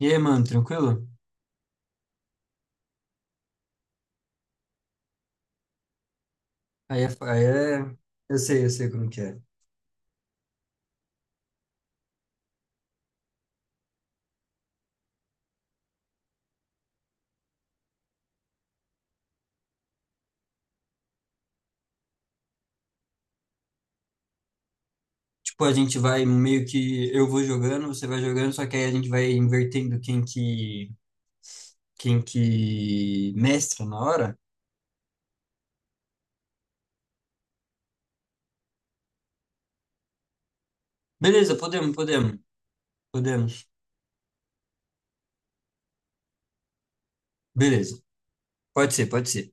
E aí, mano, tranquilo? Aí é, aí é. Eu sei como que é. Tipo, a gente vai meio que. Eu vou jogando, você vai jogando, só que aí a gente vai invertendo quem que. Quem que mestra na hora. Beleza, podemos, podemos, podemos. Beleza, pode ser, pode ser.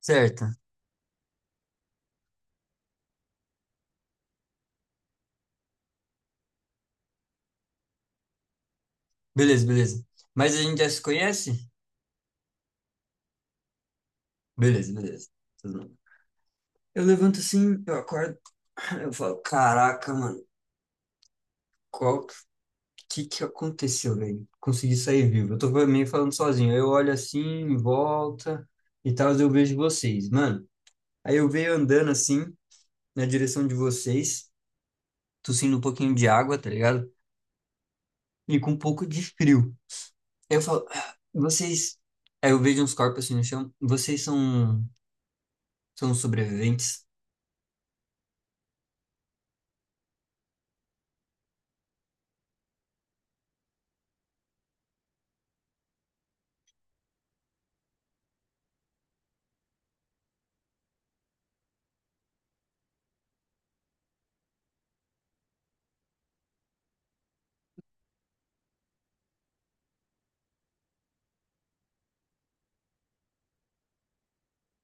Certo, beleza, beleza. Mas a gente já se conhece? Beleza, beleza. Tudo bem. Eu levanto assim, eu acordo, eu falo, caraca, mano, qual. Que aconteceu, velho? Consegui sair vivo. Eu tô meio falando sozinho. Eu olho assim, em volta e tal, eu vejo vocês. Mano, aí eu veio andando assim, na direção de vocês, tossindo um pouquinho de água, tá ligado? E com um pouco de frio. Aí eu falo, "Ah, vocês. Aí eu vejo uns corpos assim no chão. Vocês são sobreviventes?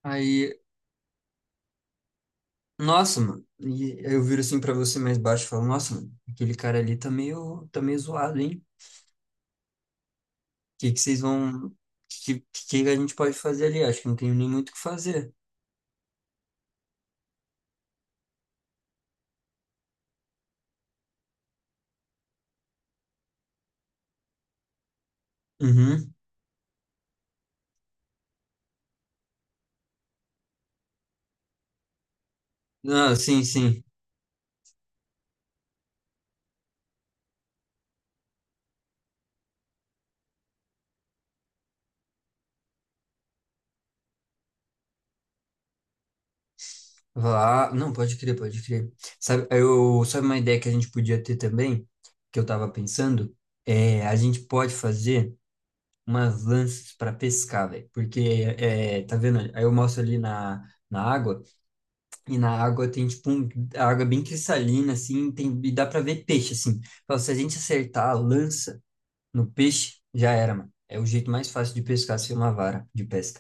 Aí, nossa, mano. E aí eu viro assim pra você mais baixo e falo, nossa, mano, aquele cara ali tá meio zoado, hein? Que vocês vão. Que a gente pode fazer ali? Acho que não tem nem muito o que fazer. Uhum. Não, sim, sim. Lá. Não, pode crer, pode crer. Sabe uma ideia que a gente podia ter também, que eu tava pensando? É, a gente pode fazer umas lanças para pescar, velho. Porque, é, tá vendo? Aí eu mostro ali na água, e na água tem tipo a água bem cristalina, assim, tem, e dá pra ver peixe, assim. Então, se a gente acertar a lança. No peixe, já era, mano. É o jeito mais fácil de pescar sem uma vara de pesca.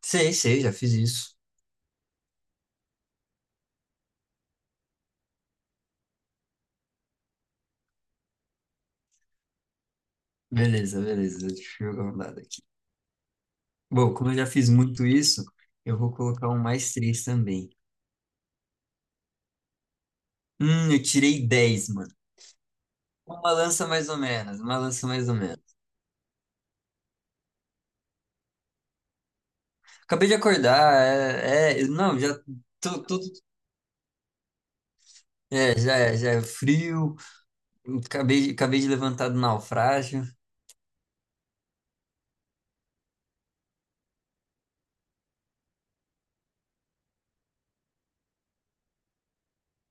Sei, sei, já fiz isso. Beleza, beleza. Deixa eu jogar um dado aqui. Bom, como eu já fiz muito isso, eu vou colocar um mais três também. Eu tirei 10, mano. Uma lança mais ou menos, uma lança mais ou menos. Acabei de acordar, não, já tô, tô- é, já é, já é frio, acabei de levantar do naufrágio,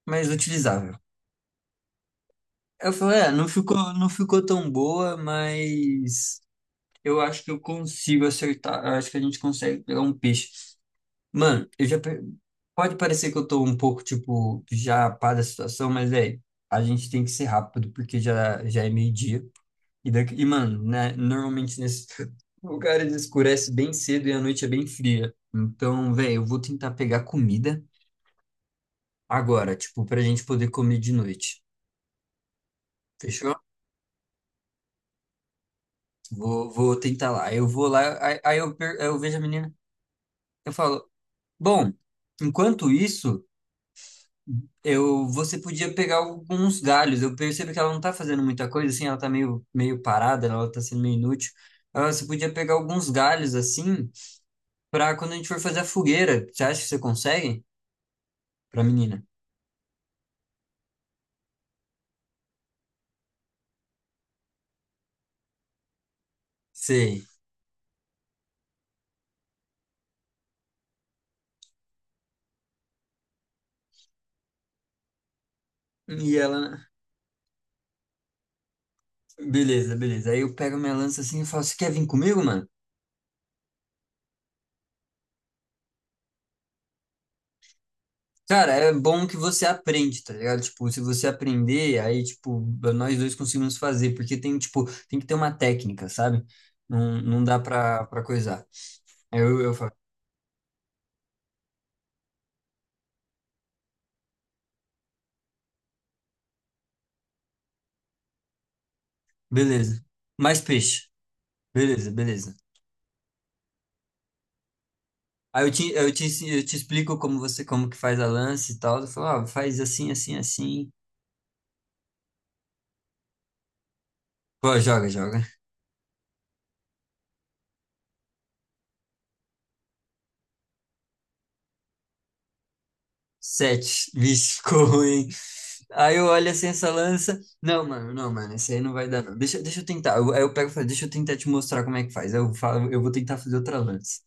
mas utilizável. Eu falei, não ficou tão boa, mas eu acho que eu consigo acertar. Eu acho que a gente consegue pegar um peixe. Mano, Pode parecer que eu tô um pouco, tipo, já pá da situação, mas é. A gente tem que ser rápido, porque já é meio-dia. E, mano, né? Normalmente nesses lugares escurece bem cedo e a noite é bem fria. Então, velho, eu vou tentar pegar comida agora, tipo, pra gente poder comer de noite. Fechou? Vou tentar lá. Eu vou lá, aí eu vejo a menina. Eu falo, bom, enquanto isso. Você podia pegar alguns galhos. Eu percebo que ela não tá fazendo muita coisa, assim, ela tá meio parada, né? Ela tá sendo meio inútil. Ah, você podia pegar alguns galhos, assim, pra quando a gente for fazer a fogueira. Você acha que você consegue? Pra menina. Sei. E ela. Beleza, beleza. Aí eu pego minha lança assim e falo: Você quer vir comigo, mano? Cara, é bom que você aprende, tá ligado? Tipo, se você aprender, aí, tipo, nós dois conseguimos fazer, porque tipo, tem que ter uma técnica, sabe? Não, não dá pra coisar. Aí eu falo, beleza. Mais peixe. Beleza, beleza. Aí eu te explico como que faz a lance e tal. Eu falo, ah, faz assim, assim, assim. Pô, joga, joga. Sete. Vixe, ficou ruim. Aí eu olho assim essa lança. Não, mano, não, mano, esse aí não vai dar, não. Deixa eu tentar. Aí eu pego e falo, deixa eu tentar te mostrar como é que faz. Aí eu falo, eu vou tentar fazer outra lança.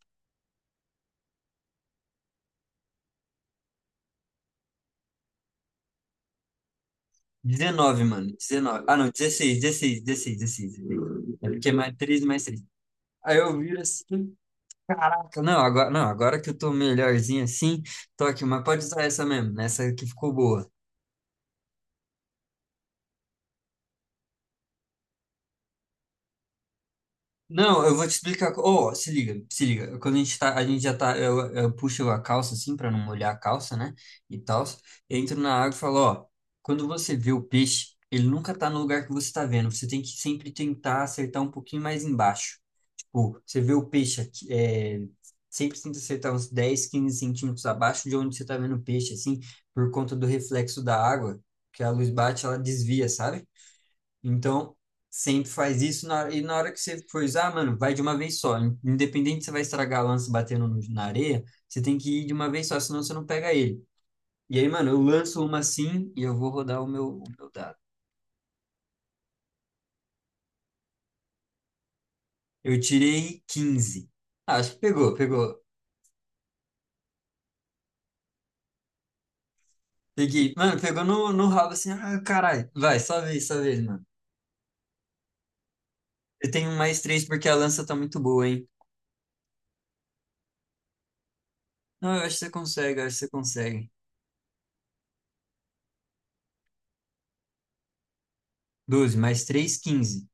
19, mano. 19. Ah, não, 16 16 16 16 16. É porque é mais 3 mais 3. Aí eu viro assim. Caraca, não, agora, não, agora que eu tô melhorzinho assim, tô aqui, mas pode usar essa mesmo, né, essa que ficou boa. Não, eu vou te explicar. Oh, se liga, se liga. Quando a gente tá, a gente já tá, Eu puxo a calça assim pra não molhar a calça, né? E tal. Entro na água e falo, ó, quando você vê o peixe, ele nunca tá no lugar que você tá vendo. Você tem que sempre tentar acertar um pouquinho mais embaixo. Tipo, você vê o peixe aqui, sempre tenta acertar uns 10 15 centímetros abaixo de onde você tá vendo o peixe, assim, por conta do reflexo da água, que a luz bate, ela desvia, sabe? Então, sempre faz isso, e na hora que você for usar, mano, vai de uma vez só. Independente se você vai estragar a lança batendo na areia, você tem que ir de uma vez só, senão você não pega ele. E aí, mano, eu lanço uma assim e eu vou rodar o meu dado. Eu tirei 15. Ah, acho que pegou, pegou. Peguei. Mano, pegou no rabo assim. Ah, caralho. Vai, só vez, mano. Eu tenho um mais três porque a lança tá muito boa, hein? Não, eu acho que você consegue, eu acho que você consegue. 12 mais três, 15.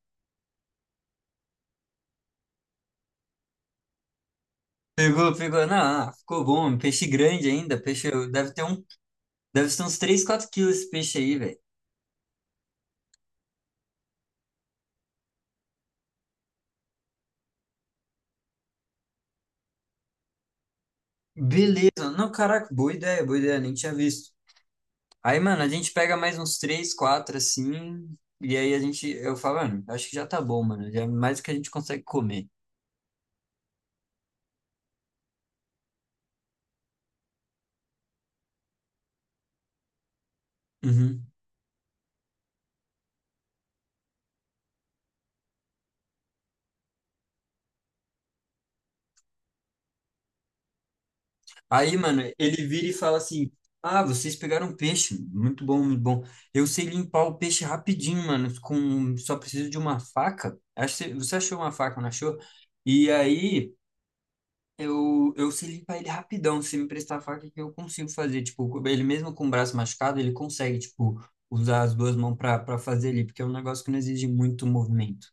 Pegou, pegou. Não, ah, ficou bom. Um peixe grande ainda. Peixe deve ter um. Deve ser uns 3 4 quilos esse peixe aí, velho. Beleza. Não, caraca, boa ideia, boa ideia. Nem tinha visto. Aí, mano, a gente pega mais uns 3 4 assim. E aí a gente. Eu falo, mano, acho que já tá bom, mano. Já é mais do que a gente consegue comer. Uhum. Aí, mano, ele vira e fala assim: Ah, vocês pegaram peixe. Muito bom, muito bom. Eu sei limpar o peixe rapidinho, mano. Só preciso de uma faca. Acho que você achou uma faca, não achou? E aí, eu sei limpar ele rapidão. Se me prestar a faca, que eu consigo fazer. Tipo, ele mesmo com o braço machucado, ele consegue, tipo, usar as duas mãos pra fazer ali, porque é um negócio que não exige muito movimento.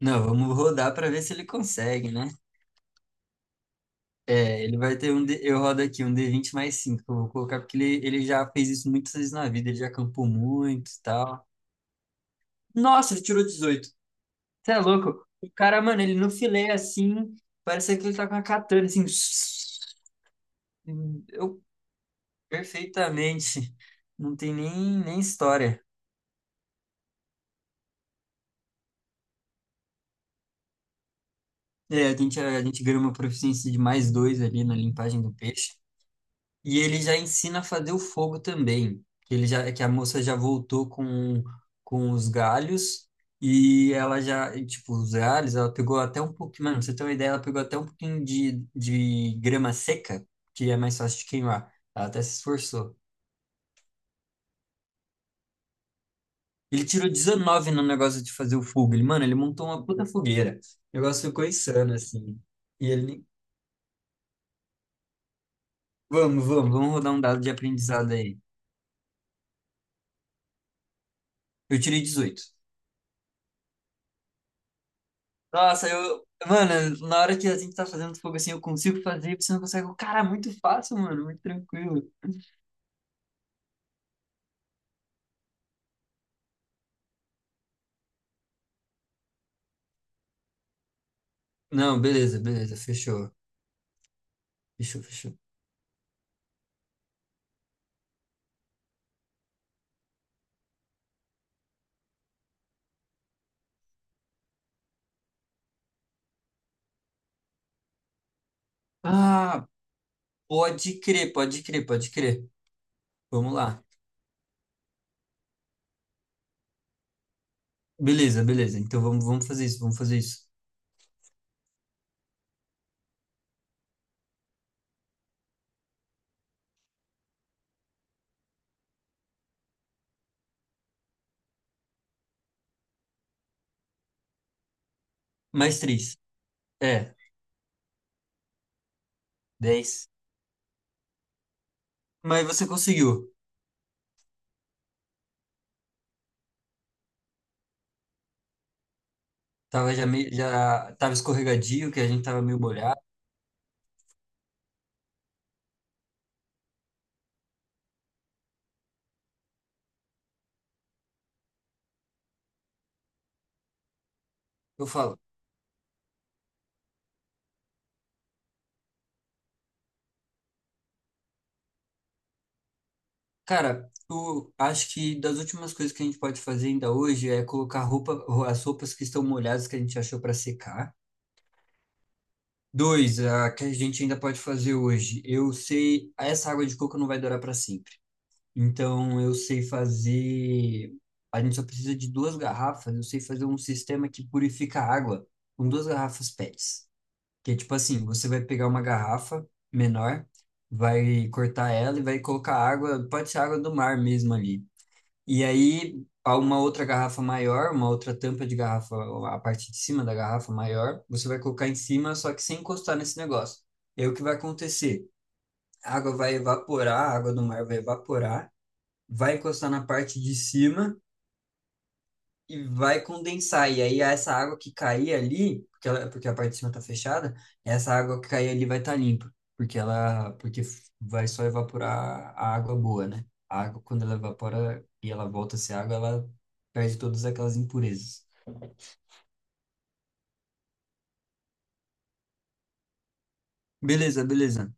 Não, vamos rodar pra ver se ele consegue, né? Ele vai ter um. Eu rodo aqui um d vinte mais 5 que eu vou colocar porque ele já fez isso muitas vezes na vida. Ele já acampou muito e tal. Nossa, ele tirou 18. Você é louco? O cara, mano, ele no filé assim. Parece que ele tá com a katana assim. Eu perfeitamente. Não tem nem história. É, a gente ganha uma proficiência de mais dois ali na limpagem do peixe. E ele já ensina a fazer o fogo também. Que a moça já voltou com, os galhos tipo, os galhos, ela pegou até um pouquinho, mano, pra você ter uma ideia, ela pegou até um pouquinho de grama seca, que é mais fácil de queimar. Ela até se esforçou. Ele tirou 19 no negócio de fazer o fogo. Mano, ele montou uma puta fogueira. O negócio ficou insano, assim. E ele, Vamos, vamos, vamos rodar um dado de aprendizado aí. Eu tirei 18. Nossa, eu. Mano, na hora que a gente tá fazendo fogo assim, eu consigo fazer, você não consegue. Cara, muito fácil, mano, muito tranquilo. Não, beleza, beleza, fechou. Fechou, fechou. Ah, pode crer, pode crer, pode crer. Vamos lá. Beleza, beleza. Então vamos fazer isso, vamos fazer isso. Mais três. É, 10. Mas você conseguiu. Já tava escorregadio, que a gente tava meio molhado. Eu falo. Cara, eu acho que das últimas coisas que a gente pode fazer ainda hoje é colocar as roupas que estão molhadas que a gente achou para secar. Dois, a que a gente ainda pode fazer hoje. Eu sei, essa água de coco não vai durar para sempre. Então eu sei fazer. A gente só precisa de duas garrafas. Eu sei fazer um sistema que purifica a água com duas garrafas PETs. Que é tipo assim, você vai pegar uma garrafa menor, vai cortar ela e vai colocar água, pode ser água do mar mesmo ali. E aí, há uma outra garrafa maior, uma outra tampa de garrafa, a parte de cima da garrafa maior, você vai colocar em cima, só que sem encostar nesse negócio. E aí, o que vai acontecer? A água vai evaporar, a água do mar vai evaporar, vai encostar na parte de cima e vai condensar. E aí essa água que cair ali, porque a parte de cima tá fechada, essa água que cair ali vai estar limpa, porque vai só evaporar a água boa, né? A água, quando ela evapora e ela volta a ser água, ela perde todas aquelas impurezas. Beleza, beleza.